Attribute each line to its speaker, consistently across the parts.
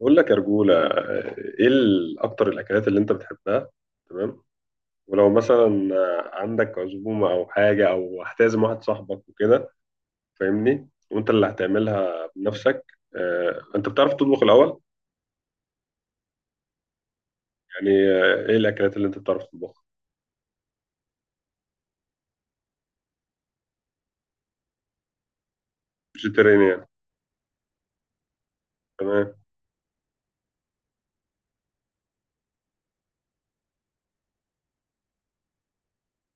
Speaker 1: بقول لك يا رجولة، ايه اكتر الاكلات اللي انت بتحبها؟ تمام. ولو مثلا عندك عزومة او حاجة او هتعزم واحد صاحبك وكده، فاهمني، وانت اللي هتعملها بنفسك؟ انت بتعرف تطبخ الاول؟ يعني ايه الاكلات اللي انت بتعرف تطبخها؟ فيجيتيريان يعني؟ تمام.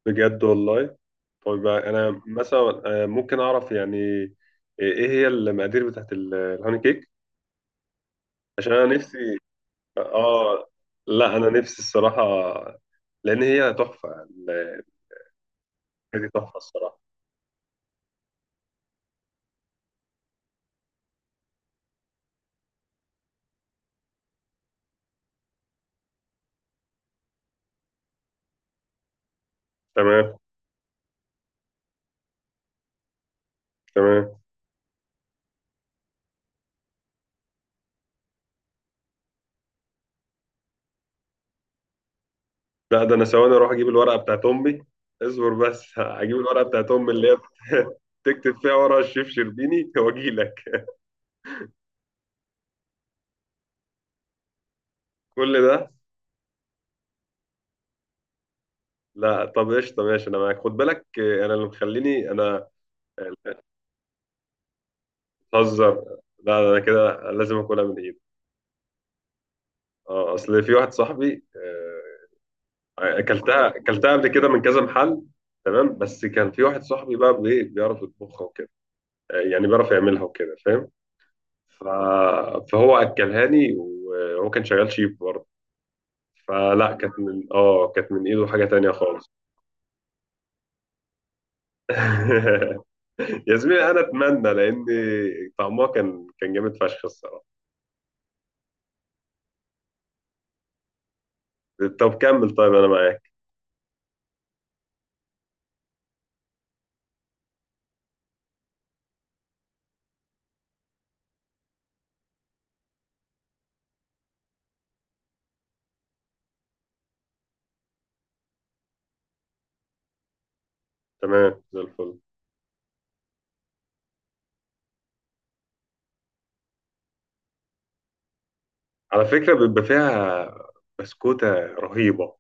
Speaker 1: بجد والله؟ طيب، انا مثلا ممكن اعرف يعني، ايه هي المقادير بتاعت الهوني كيك؟ عشان انا نفسي. اه. لا، انا نفسي الصراحه. لان هي تحفه يعني. دي تحفه الصراحه. تمام، تمام. لا، ده انا ثواني اروح اجيب الورقه بتاعت امي. اصبر بس، هجيب الورقه بتاعت امي اللي هي تكتب فيها ورا الشيف شربيني واجي لك. كل ده؟ لا طب قشطه، ماشي انا معاك. خد بالك انا اللي مخليني انا، بتهزر؟ لا ده انا كده لازم اكلها من ايدي. اه، اصل في واحد صاحبي اكلتها قبل كده من كذا محل. تمام. بس كان في واحد صاحبي بقى بيعرف يطبخها وكده، يعني بيعرف يعملها وكده، فاهم؟ ف... فهو اكلها لي وهو كان شغال شيف برضه. فلا، كانت من ايده حاجة تانية خالص. يا زميلي انا اتمنى، لان طعمها كان جامد فشخ الصراحه. طب كمل، طيب انا معاك. تمام، زي الفل. على فكره بيبقى فيها بسكوته رهيبه.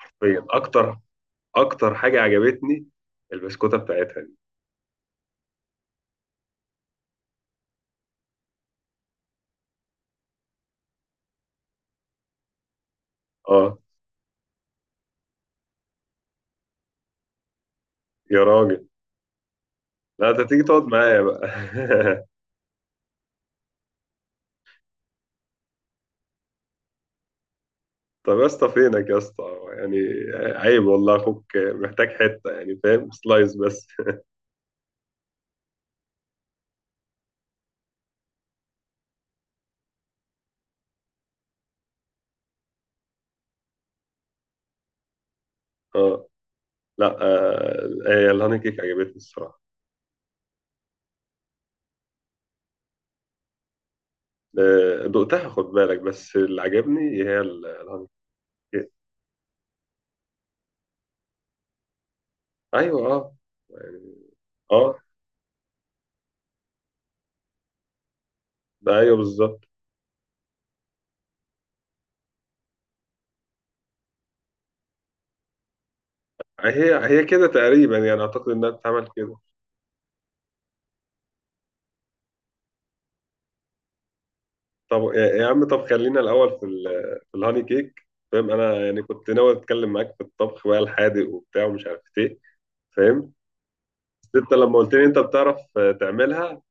Speaker 1: حرفياً. اكتر حاجه عجبتني، البسكوته بتاعتها دي. اه، يا راجل. لا انت تيجي تقعد معايا بقى. طب يا اسطى، فينك يا اسطى؟ يعني، عيب والله، اخوك محتاج حته يعني، فاهم؟ سلايس بس. اه. لا هي الهاني كيك عجبتني الصراحه. دقتها، خد بالك، بس اللي عجبني هي الهاني كيك. ايوه، اه. يعني. اه، ده ايوه بالظبط. هي هي كده تقريبا يعني، اعتقد انها بتتعمل كده. طب يا عم، طب خلينا الاول في الهاني كيك. فاهم؟ انا يعني كنت ناوي اتكلم معاك في الطبخ بقى الحادق وبتاع ومش عارف ايه، فاهم؟ بس انت لما قلت لي انت بتعرف تعملها.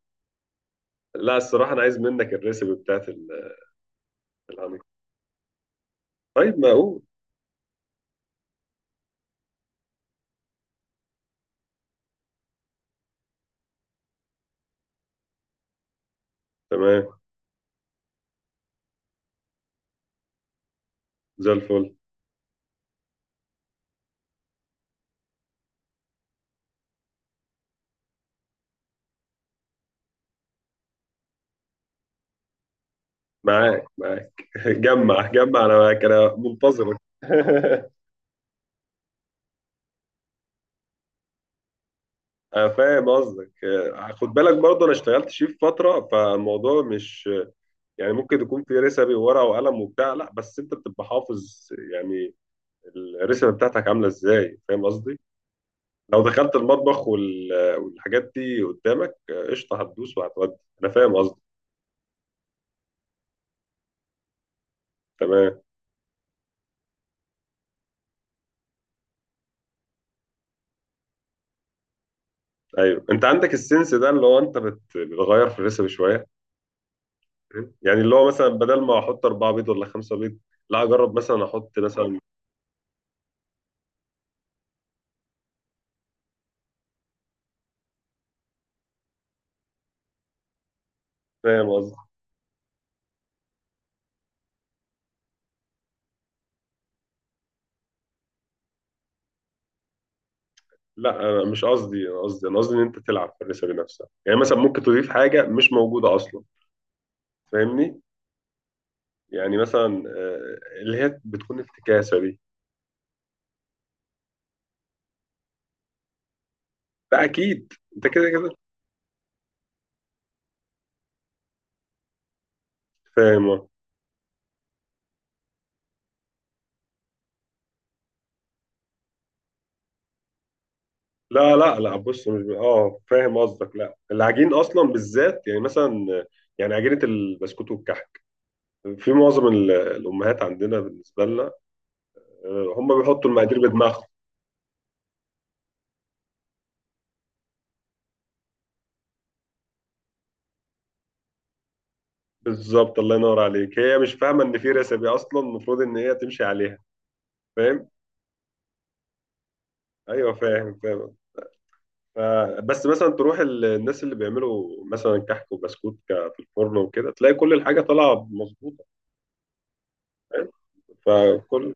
Speaker 1: لا الصراحه، انا عايز منك الريسيبي بتاعت الهاني كيك. طيب، معقول. تمام، زي الفل. معاك جمع انا معاك، انا منتظرك. انا فاهم قصدك. خد بالك برضه انا اشتغلت شيف فتره، فالموضوع مش يعني، ممكن يكون في رسبي وورقه وقلم وبتاع. لا بس انت بتبقى حافظ يعني، الرسبه بتاعتك عامله ازاي، فاهم قصدي؟ لو دخلت المطبخ والحاجات دي قدامك، قشطه هتدوس وهتودي. انا فاهم قصدي. تمام. ايوه، انت عندك السنس ده اللي هو انت بتغير في الريسبي شويه، فاهم؟ يعني اللي هو مثلا بدل ما احط 4 بيض ولا 5 بيض، لا اجرب مثلا احط مثلا، فاهم قصدي؟ لا، انا مش قصدي، انا قصدي ان انت تلعب في الريسبي نفسها، يعني مثلا ممكن تضيف حاجه مش موجوده اصلا، فاهمني؟ يعني مثلا اللي هي بتكون افتكاسة دي. لا أكيد، أنت كده كده فاهم. لا، لا، لا، بص، مش ب... اه فاهم قصدك. لا العجين أصلا بالذات، يعني مثلا يعني عجينة البسكوت والكحك، في معظم الأمهات عندنا بالنسبة لنا، هم بيحطوا المقادير بدماغهم. بالظبط، الله ينور عليك. هي مش فاهمة إن في رecipe أصلا المفروض إن هي تمشي عليها، فاهم؟ أيوه، فاهم، فاهم. فبس مثلا تروح الناس اللي بيعملوا مثلا كحك وبسكوت في الفرن وكده، تلاقي كل الحاجه طالعه مظبوطه، فاهم؟ فكل،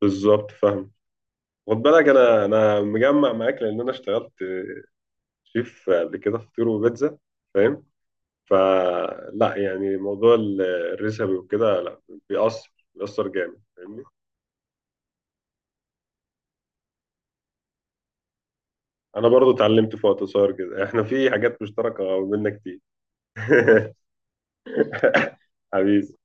Speaker 1: بالظبط، فاهم. خد بالك انا مجمع معاك، لان انا اشتغلت شيف قبل كده في فطير وبيتزا، فاهم؟ فلا يعني موضوع الريسبي وكده، لا، بيأثر جامد، فاهمني؟ انا برضو اتعلمت في وقت قصير كده، احنا في حاجات مشتركه ما بيننا كتير. حبيبي.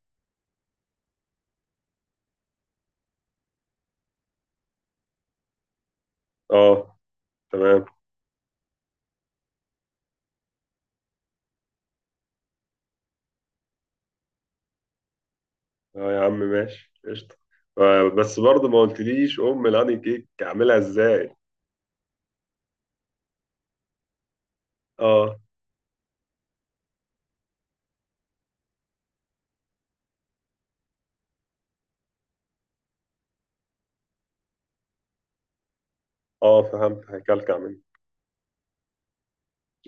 Speaker 1: اه. تمام. اه يا عم، ماشي قشطة. بس برضه ما قلتليش أم الهاني كيك أعملها إزاي؟ اه. اه، فهمت، هيكلكع مني.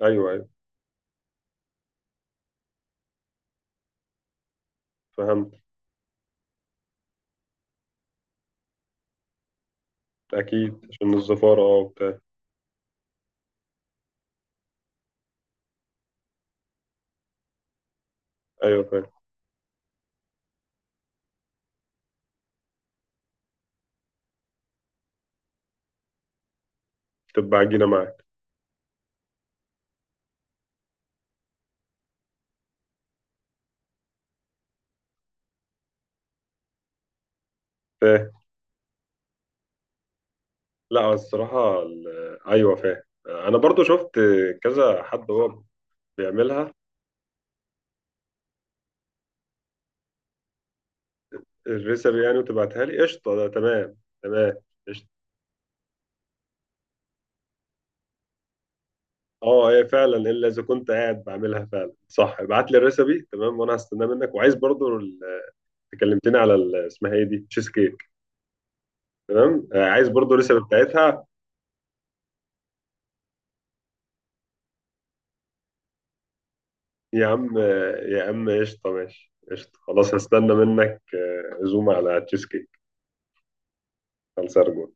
Speaker 1: أيوه، أيوه، فهمت. أكيد عشان الزفارة وبتاع. أيوه فاهم. تبقى عجينة معاك. فاهم. لا الصراحة، أيوه فاهم، أنا برضه شفت كذا حد هو بيعملها. الريسبي يعني وتبعتها لي قشطة، ده تمام. تمام، قشطة. اه هي فعلا، الا اذا كنت قاعد بعملها فعلا. صح، ابعت لي الريسبي تمام، وانا هستناه منك. وعايز برضو كلمتني على اسمها ايه دي، تشيز كيك. تمام، عايز برضو الريسيبي بتاعتها. يا عم يا عم قشطه، ماشي قشطه، خلاص هستنى منك عزومه على تشيز كيك. خلص ارجو.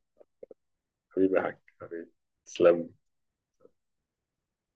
Speaker 1: حبيبي يا حاج، حبيبي. تسلم.